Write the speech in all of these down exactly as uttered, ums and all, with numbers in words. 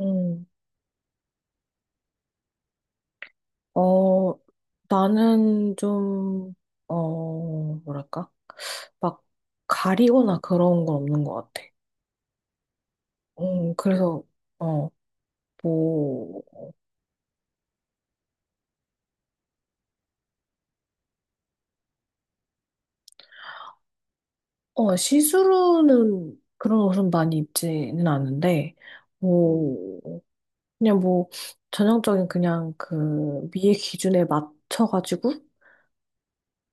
음, 어, 나는 좀, 어, 뭐랄까? 막 가리거나 그런 건 없는 것 같아. 음, 그래서, 어, 뭐, 어, 시스루는 그런 옷은 많이 입지는 않는데, 뭐, 그냥 뭐, 전형적인 그냥 그 미의 기준에 맞춰가지고,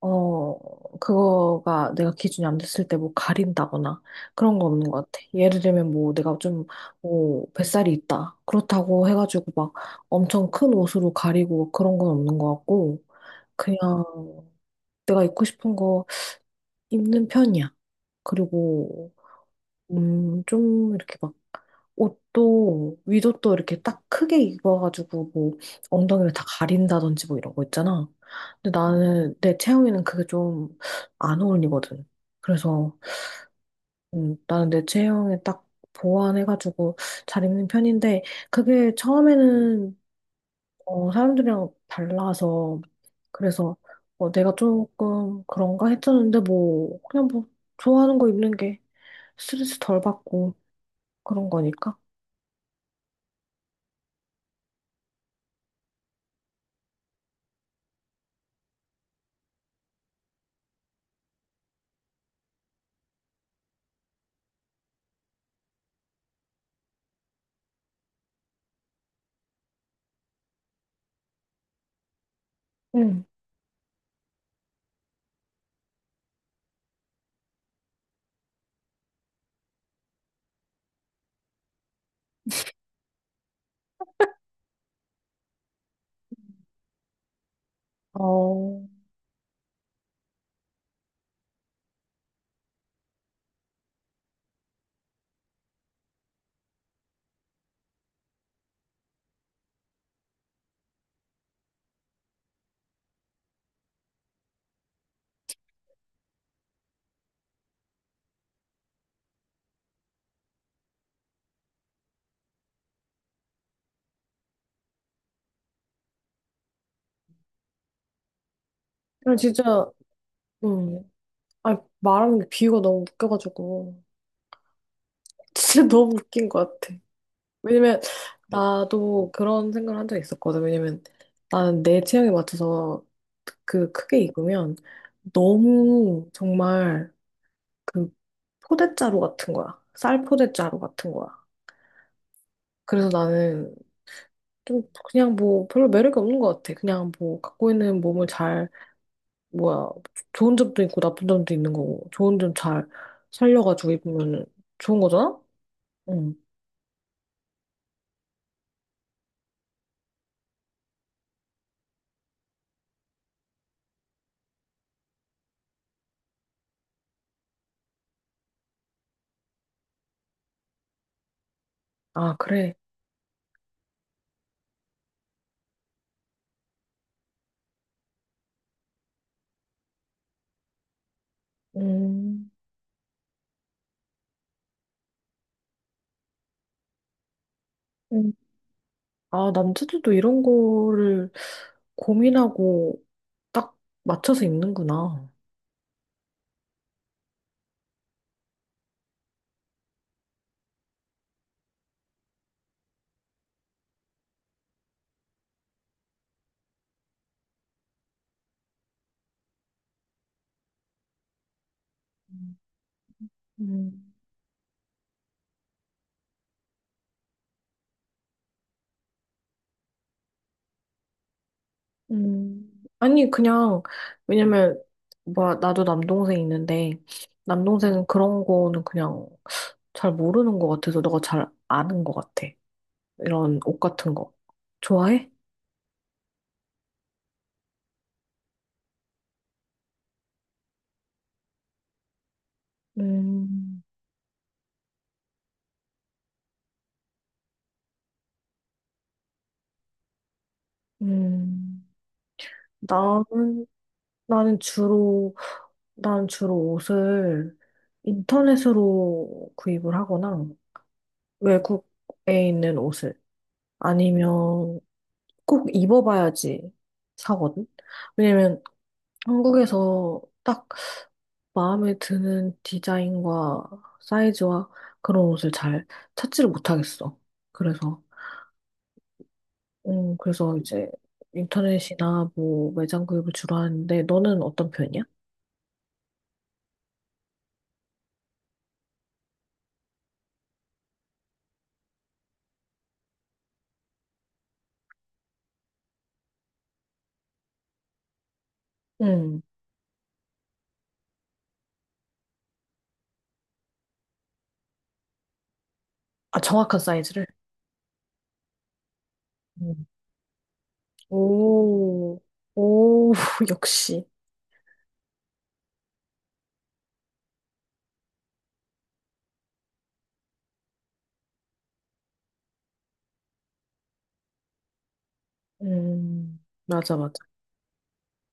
어, 그거가 내가 기준이 안 됐을 때 뭐 가린다거나 그런 거 없는 것 같아. 예를 들면 뭐 내가 좀, 뭐 뱃살이 있다. 그렇다고 해가지고 막 엄청 큰 옷으로 가리고 그런 건 없는 것 같고, 그냥 내가 입고 싶은 거 입는 편이야. 그리고, 음, 좀 이렇게 막 옷도 위도 또 이렇게 딱 크게 입어가지고 뭐 엉덩이를 다 가린다든지 뭐 이런 거 있잖아. 근데 나는 내 체형에는 그게 좀 안 어울리거든. 그래서 음, 나는 내 체형에 딱 보완해가지고 잘 입는 편인데 그게 처음에는 어, 사람들이랑 달라서 그래서 어, 내가 조금 그런가 했었는데 뭐 그냥 뭐 좋아하는 거 입는 게 스트레스 덜 받고 그런 거니까. 응. 어. 그냥 진짜, 음, 아, 말하는 게 비유가 너무 웃겨가지고. 진짜 너무 웃긴 것 같아. 왜냐면, 나도 그런 생각을 한 적이 있었거든. 왜냐면, 나는 내 취향에 맞춰서 그 크게 익으면 너무 정말 그 포대자루 같은 거야. 쌀 포대자루 같은 거야. 그래서 나는 좀 그냥 뭐 별로 매력이 없는 것 같아. 그냥 뭐 갖고 있는 몸을 잘 뭐야, 좋은 점도 있고 나쁜 점도 있는 거고, 좋은 점 잘 살려가지고 입으면 좋은 거잖아? 응. 아, 그래. 음. 음. 아, 남자들도 이런 거를 고민하고 딱 맞춰서 입는구나. 음. 음. 아니, 그냥, 왜냐면, 뭐, 나도 남동생 있는데, 남동생은 그런 거는 그냥 잘 모르는 것 같아서 너가 잘 아는 것 같아. 이런 옷 같은 거. 좋아해? 음, 음. 나는, 나는 주로, 나는 주로 옷을 인터넷으로 구입을 하거나 외국에 있는 옷을 아니면 꼭 입어봐야지 사거든. 왜냐면 한국에서 딱 마음에 드는 디자인과 사이즈와 그런 옷을 잘 찾지를 못하겠어. 그래서, 음, 그래서 이제 인터넷이나 뭐 매장 구입을 주로 하는데 너는 어떤 편이야? 음. 아, 정확한 사이즈를. 음. 오, 오, 역시. 음, 맞아, 맞아.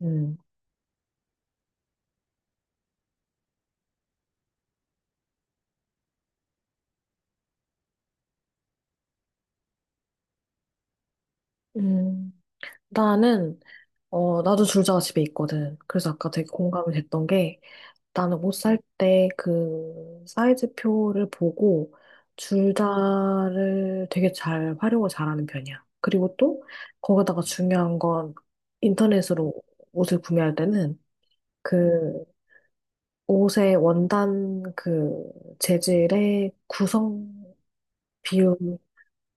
음, 음. 나는, 어, 나도 줄자가 집에 있거든. 그래서 아까 되게 공감이 됐던 게, 나는 옷 살 때 그 사이즈표를 보고 줄자를 되게 잘 활용을 잘하는 편이야. 그리고 또, 거기다가 중요한 건 인터넷으로 옷을 구매할 때는 그 옷의 원단 그 재질의 구성 비율,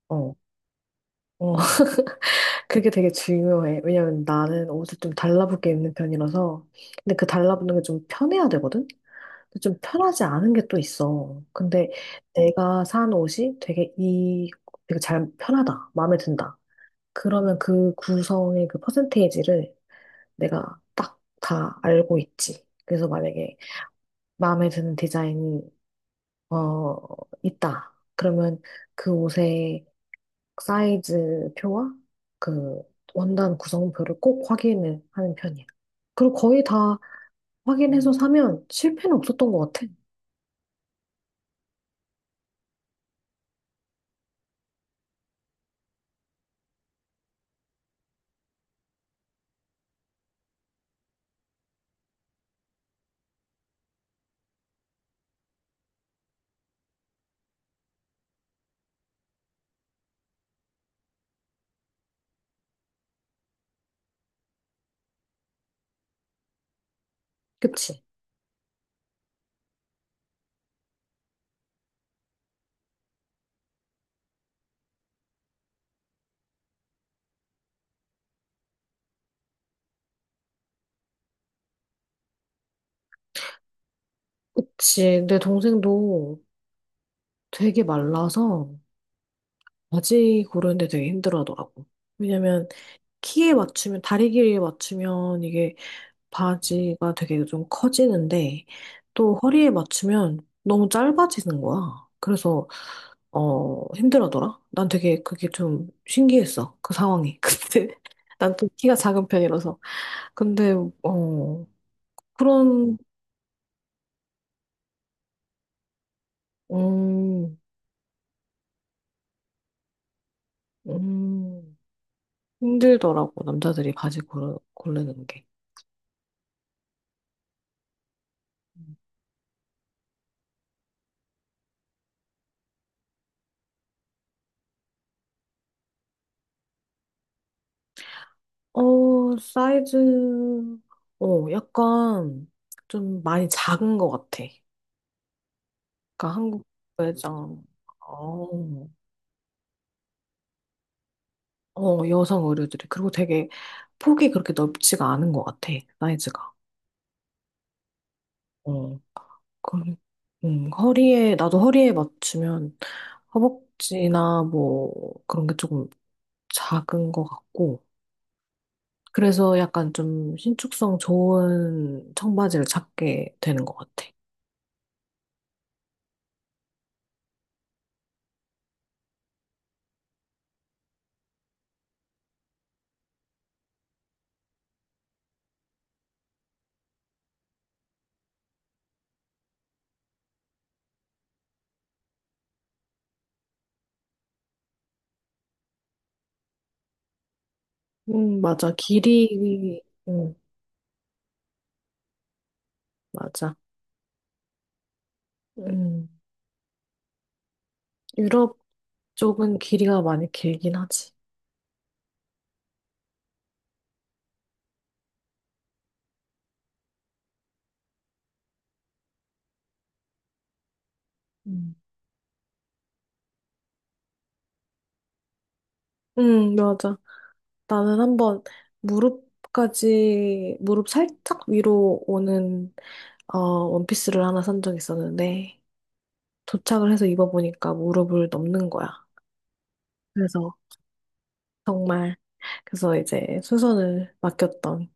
어, 어, 그게 되게 중요해. 왜냐면 나는 옷을 좀 달라붙게 입는 편이라서. 근데 그 달라붙는 게 좀 편해야 되거든? 근데 좀 편하지 않은 게 또 있어. 근데 내가 산 옷이 되게 이, 되게 잘 편하다. 마음에 든다. 그러면 그 구성의 그 퍼센테이지를 내가 딱 다 알고 있지. 그래서 만약에 마음에 드는 디자인이 어, 있다. 그러면 그 옷의 사이즈 표와 그 원단 구성표를 꼭 확인을 하는 편이야. 그리고 거의 다 확인해서 사면 실패는 없었던 것 같아. 그치? 그치. 내 동생도 되게 말라서 바지 고르는데 되게 힘들어하더라고. 왜냐면 키에 맞추면, 다리 길이에 맞추면 이게 바지가 되게 좀 커지는데 또 허리에 맞추면 너무 짧아지는 거야. 그래서 어, 힘들어더라. 난 되게 그게 좀 신기했어. 그 상황이. 근데 난 또 키가 작은 편이라서. 근데, 어, 그런, 음, 음, 힘들더라고. 남자들이 바지 고르, 고르는 게. 어, 사이즈, 어, 약간 좀 많이 작은 것 같아. 그러니까 한국 매장, 어, 어, 여성 의류들이. 그리고 되게 폭이 그렇게 넓지가 않은 것 같아, 사이즈가. 어. 걸- 음, 허리에, 나도 허리에 맞추면 허벅지나 뭐 그런 게 조금 작은 것 같고, 그래서 약간 좀 신축성 좋은 청바지를 찾게 되는 것 같아. 음, 맞아. 길이, 음, 맞아. 음, 유럽 쪽은 길이가 많이 길긴 하지. 음, 음, 맞아. 나는 한번 무릎까지, 무릎 살짝 위로 오는, 어, 원피스를 하나 산 적 있었는데, 도착을 해서 입어보니까 무릎을 넘는 거야. 그래서 정말 그래서 이제 수선을 맡겼던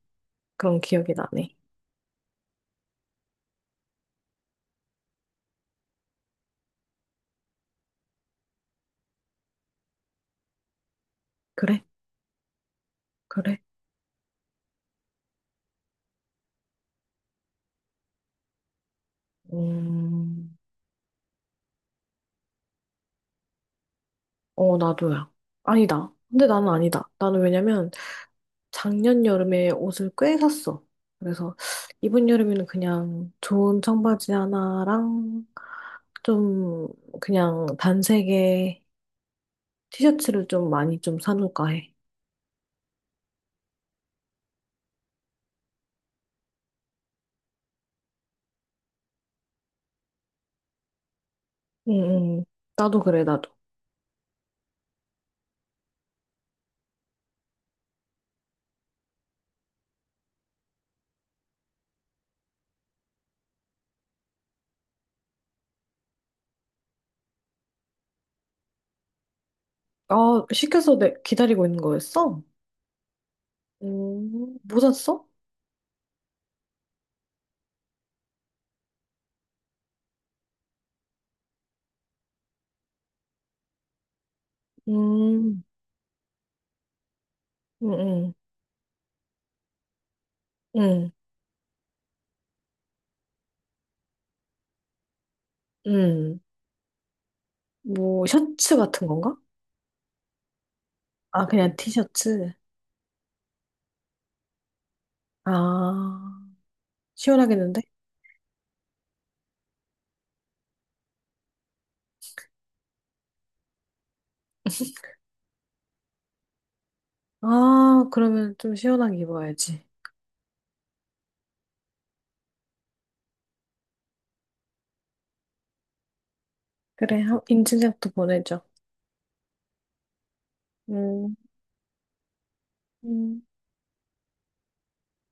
그런 기억이 나네. 그래? 그래? 음, 어, 나도야. 아니다. 근데 나는 아니다. 나는 왜냐면 작년 여름에 옷을 꽤 샀어. 그래서 이번 여름에는 그냥 좋은 청바지 하나랑 좀 그냥 단색의 티셔츠를 좀 많이 좀 사놓을까 해. 응, 응. 나도 그래, 나도. 아, 시켜서 내, 기다리고 있는 거였어? 음, 뭐 샀어? 음, 음, 음, 음, 음. 뭐, 셔츠 같은 건가? 아, 그냥 티셔츠. 아, 시원하겠는데? 아, 그러면 좀 시원하게 입어야지. 그래, 한- 인증샷도 보내줘. 음. 음.